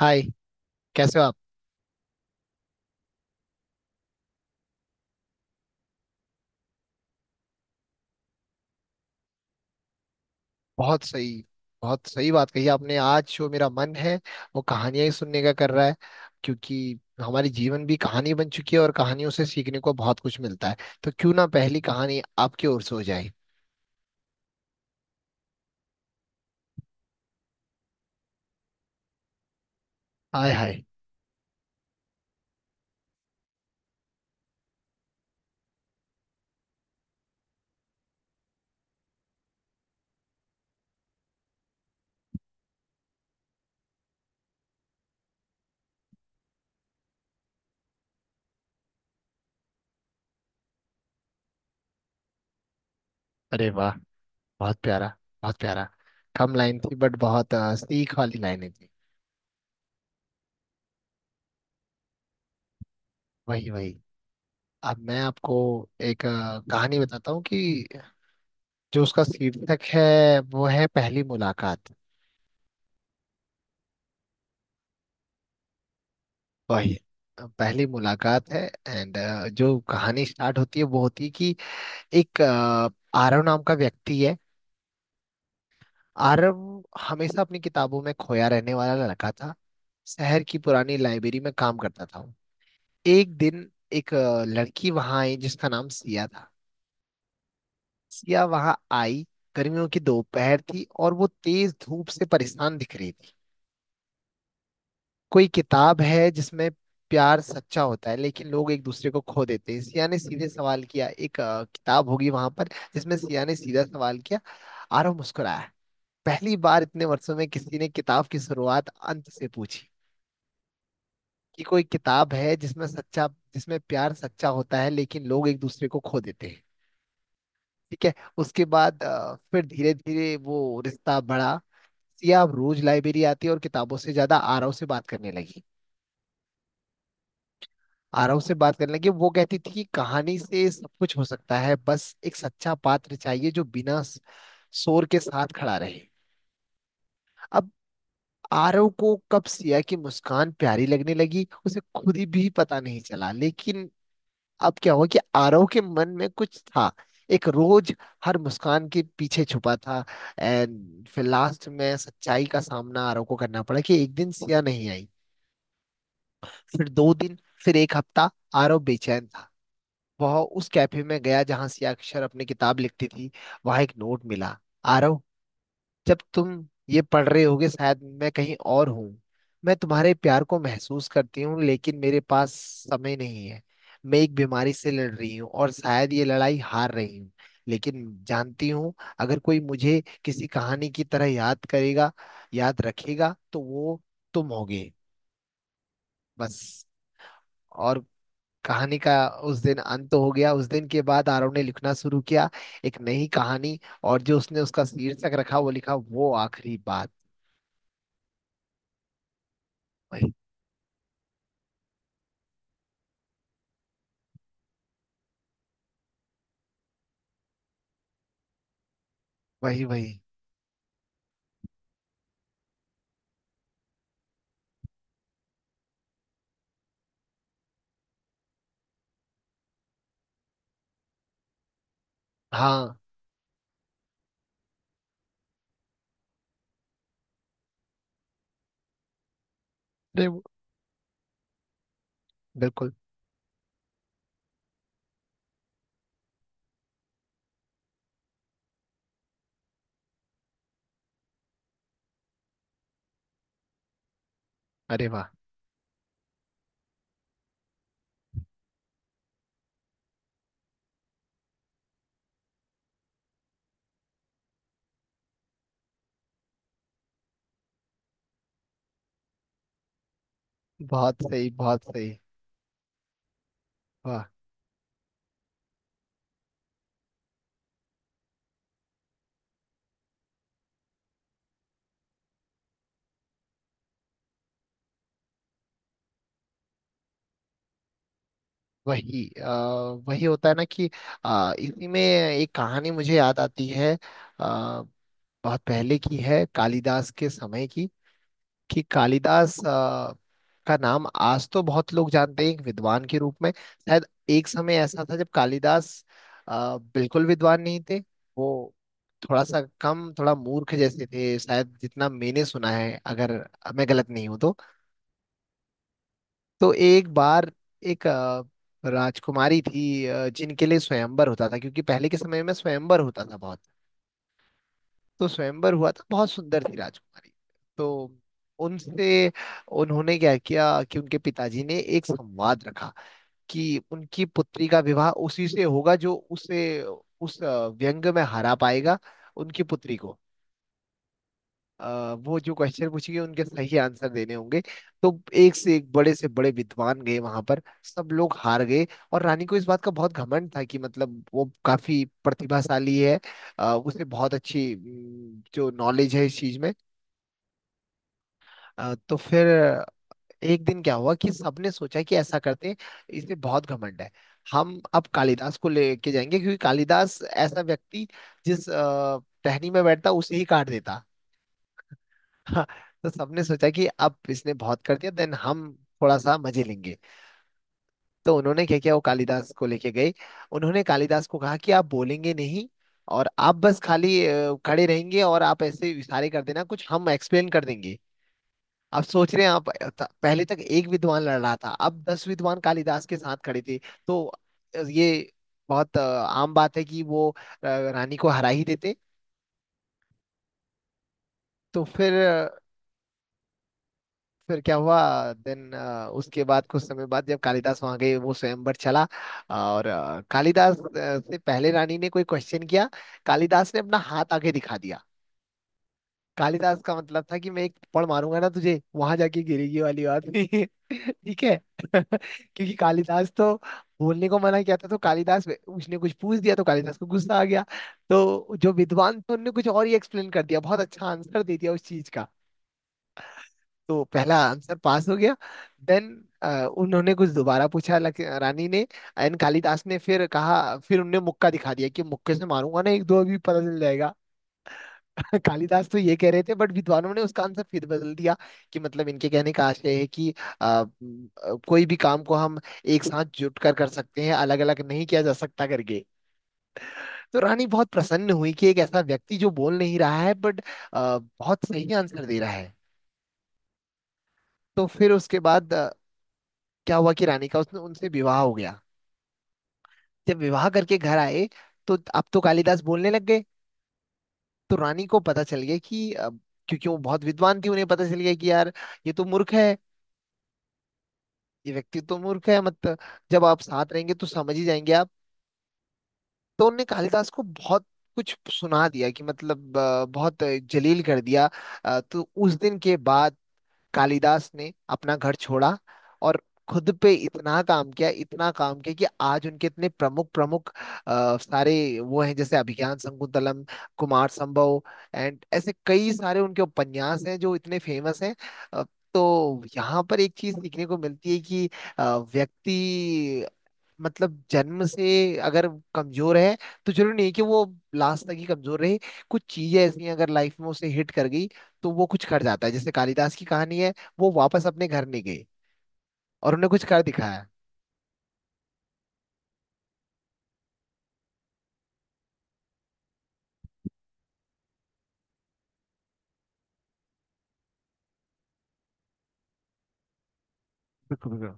हाय। कैसे हो आप? बहुत सही। बहुत सही बात कही आपने। आज जो मेरा मन है वो कहानियां ही सुनने का कर रहा है क्योंकि हमारी जीवन भी कहानी बन चुकी है और कहानियों से सीखने को बहुत कुछ मिलता है। तो क्यों ना पहली कहानी आपकी ओर से हो जाए। हाय हाय। अरे वाह। बहुत प्यारा। बहुत प्यारा। कम लाइन थी बट बहुत सीख वाली लाइनें थी। वही वही। अब मैं आपको एक कहानी बताता हूँ कि जो उसका शीर्षक है वो है पहली मुलाकात। वही पहली मुलाकात है। एंड जो कहानी स्टार्ट होती है वो होती है कि एक आरव नाम का व्यक्ति है। आरव हमेशा अपनी किताबों में खोया रहने वाला लड़का था। शहर की पुरानी लाइब्रेरी में काम करता था वो। एक दिन एक लड़की वहां आई जिसका नाम सिया था। सिया वहां आई। गर्मियों की दोपहर थी और वो तेज धूप से परेशान दिख रही थी। कोई किताब है जिसमें प्यार सच्चा होता है लेकिन लोग एक दूसरे को खो देते हैं? सिया ने सीधे सवाल किया। एक किताब होगी वहां पर जिसमें, सिया ने सीधा सवाल किया। आरव मुस्कुराया। पहली बार इतने वर्षों में किसी ने किताब की शुरुआत अंत से पूछी कि कोई किताब है जिसमें सच्चा, जिसमें प्यार सच्चा होता है लेकिन लोग एक दूसरे को खो देते हैं। ठीक है। उसके बाद फिर धीरे धीरे वो रिश्ता बढ़ा। सिया अब रोज लाइब्रेरी आती है और किताबों से ज्यादा आरव से बात करने लगी। आरव से बात करने लगे। वो कहती थी कि कहानी से सब कुछ हो सकता है, बस एक सच्चा पात्र चाहिए जो बिना शोर के साथ खड़ा रहे। अब आरव को कब सिया की मुस्कान प्यारी लगने लगी उसे खुद ही भी पता नहीं चला, लेकिन अब क्या हुआ कि आरव के मन में कुछ था। एक रोज हर मुस्कान के पीछे छुपा था। एंड फिर लास्ट में सच्चाई का सामना आरव को करना पड़ा कि एक दिन सिया नहीं आई। फिर दो दिन, फिर एक हफ्ता। आरव बेचैन था। वह उस कैफे में गया जहां सिया अक्षर अपनी किताब लिखती थी। वहां एक नोट मिला। आरव, जब तुम ये पढ़ रहे होगे शायद मैं कहीं और हूँ। मैं तुम्हारे प्यार को महसूस करती हूँ लेकिन मेरे पास समय नहीं है। मैं एक बीमारी से लड़ रही हूँ और शायद ये लड़ाई हार रही हूँ। लेकिन जानती हूँ अगर कोई मुझे किसी कहानी की तरह याद करेगा, याद रखेगा तो वो तुम होगे। बस। और कहानी का उस दिन अंत हो गया। उस दिन के बाद आरव ने लिखना शुरू किया, एक नई कहानी। और जो उसने उसका शीर्षक रखा वो लिखा, वो आखिरी बात। वही वही। वही। हाँ। अरे बिल्कुल। अरे वाह। बहुत सही बहुत सही। वाह। वही वही होता है ना कि इसी में एक कहानी मुझे याद आती है। आ, बहुत पहले की है कालिदास के समय की। कि कालिदास का नाम आज तो बहुत लोग जानते हैं एक विद्वान के रूप में। शायद एक समय ऐसा था जब कालिदास बिल्कुल विद्वान नहीं थे। वो थोड़ा सा कम, थोड़ा मूर्ख जैसे थे शायद, जितना मैंने सुना है, अगर मैं गलत नहीं हूं तो। तो एक बार एक राजकुमारी थी, जिनके लिए स्वयंवर होता था क्योंकि पहले के समय में स्वयंवर होता था बहुत। तो स्वयंवर हुआ था, बहुत सुंदर थी राजकुमारी। तो उनसे उन्होंने क्या किया कि उनके पिताजी ने एक संवाद रखा कि उनकी पुत्री का विवाह उसी से होगा जो उसे उस व्यंग में हरा पाएगा। उनकी पुत्री को वो जो क्वेश्चन पूछेंगे उनके सही आंसर देने होंगे। तो एक से एक बड़े से बड़े विद्वान गए वहां पर, सब लोग हार गए। और रानी को इस बात का बहुत घमंड था कि मतलब वो काफी प्रतिभाशाली है। उसे बहुत अच्छी जो नॉलेज है इस चीज में। तो फिर एक दिन क्या हुआ कि सबने सोचा कि ऐसा करते हैं, इसमें बहुत घमंड है, हम अब कालिदास को लेके जाएंगे क्योंकि कालिदास ऐसा व्यक्ति जिस टहनी में बैठता उसे ही काट देता। हाँ, तो सबने सोचा कि अब इसने बहुत कर दिया, देन हम थोड़ा सा मजे लेंगे। तो उन्होंने क्या किया, वो कालिदास को लेके गए। उन्होंने कालिदास को कहा कि आप बोलेंगे नहीं, और आप बस खाली खड़े रहेंगे और आप ऐसे इशारे कर देना, कुछ हम एक्सप्लेन कर देंगे। आप सोच रहे हैं, आप पहले तक एक विद्वान लड़ रहा था, अब दस विद्वान कालिदास के साथ खड़े थे। तो ये बहुत आम बात है कि वो रानी को हरा ही देते। तो फिर फिर क्या हुआ देन। उसके बाद कुछ समय बाद जब कालिदास वहां गए वो स्वयंवर चला। और कालिदास से पहले रानी ने कोई क्वेश्चन किया। कालिदास ने अपना हाथ आगे दिखा दिया। कालिदास का मतलब था कि मैं एक थप्पड़ मारूंगा ना तुझे, वहां जाके गिरेगी, वाली बात नहीं है। ठीक है। क्योंकि कालिदास तो बोलने को मना किया था। तो कालिदास, उसने कुछ पूछ दिया तो कालिदास को गुस्सा आ गया। तो जो विद्वान थे उनने कुछ और ही एक्सप्लेन कर दिया, बहुत अच्छा आंसर दे दिया उस चीज का। तो पहला आंसर पास हो गया। देन उन्होंने कुछ दोबारा पूछा, रानी ने। एंड कालिदास ने फिर कहा, फिर उनने मुक्का दिखा दिया कि मुक्के से मारूंगा ना एक दो अभी पता चल जाएगा। कालिदास तो ये कह रहे थे बट विद्वानों ने उसका आंसर फिर बदल दिया कि मतलब इनके कहने का आशय है कि कोई भी काम को हम एक साथ जुट कर कर सकते हैं, अलग अलग नहीं किया जा सकता करके। तो रानी बहुत प्रसन्न हुई कि एक ऐसा व्यक्ति जो बोल नहीं रहा है बट बहुत सही आंसर दे रहा है। तो फिर उसके बाद क्या हुआ कि रानी का उसने उनसे विवाह हो गया। जब विवाह करके घर आए तो अब तो कालिदास बोलने लग गए। तो रानी को पता चल गया कि क्योंकि वो बहुत विद्वान थी उन्हें पता चल गया कि यार ये तो मूर्ख है। ये व्यक्ति तो मूर्ख है, मतलब जब आप साथ रहेंगे तो समझ ही जाएंगे आप। तो उनने कालिदास को बहुत कुछ सुना दिया कि मतलब बहुत जलील कर दिया। तो उस दिन के बाद कालिदास ने अपना घर छोड़ा, और खुद पे इतना काम किया, इतना काम किया कि आज उनके इतने प्रमुख प्रमुख सारे वो हैं जैसे अभिज्ञान शकुंतलम, कुमार संभव, एंड ऐसे कई सारे उनके उपन्यास हैं जो इतने फेमस हैं। अ, तो यहाँ पर एक चीज सीखने को मिलती है कि व्यक्ति मतलब जन्म से अगर कमजोर है तो जरूरी नहीं कि वो लास्ट तक ही कमजोर रहे। कुछ चीजें ऐसी हैं अगर लाइफ में उसे हिट कर गई तो वो कुछ कर जाता है, जैसे कालिदास की कहानी है। वो वापस अपने घर नहीं गए, और उन्हें कुछ कर दिखाया। बिल्कुल बिल्कुल।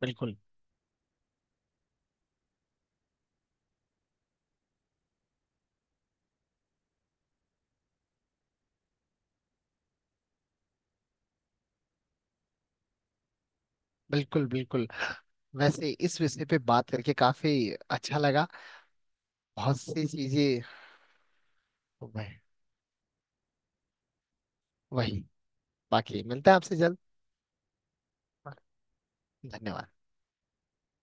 बिल्कुल बिल्कुल। बिल्कुल। वैसे इस विषय पे बात करके काफी अच्छा लगा। बहुत सी चीजें। वह- वही। बाकी मिलते हैं आपसे जल्द। धन्यवाद।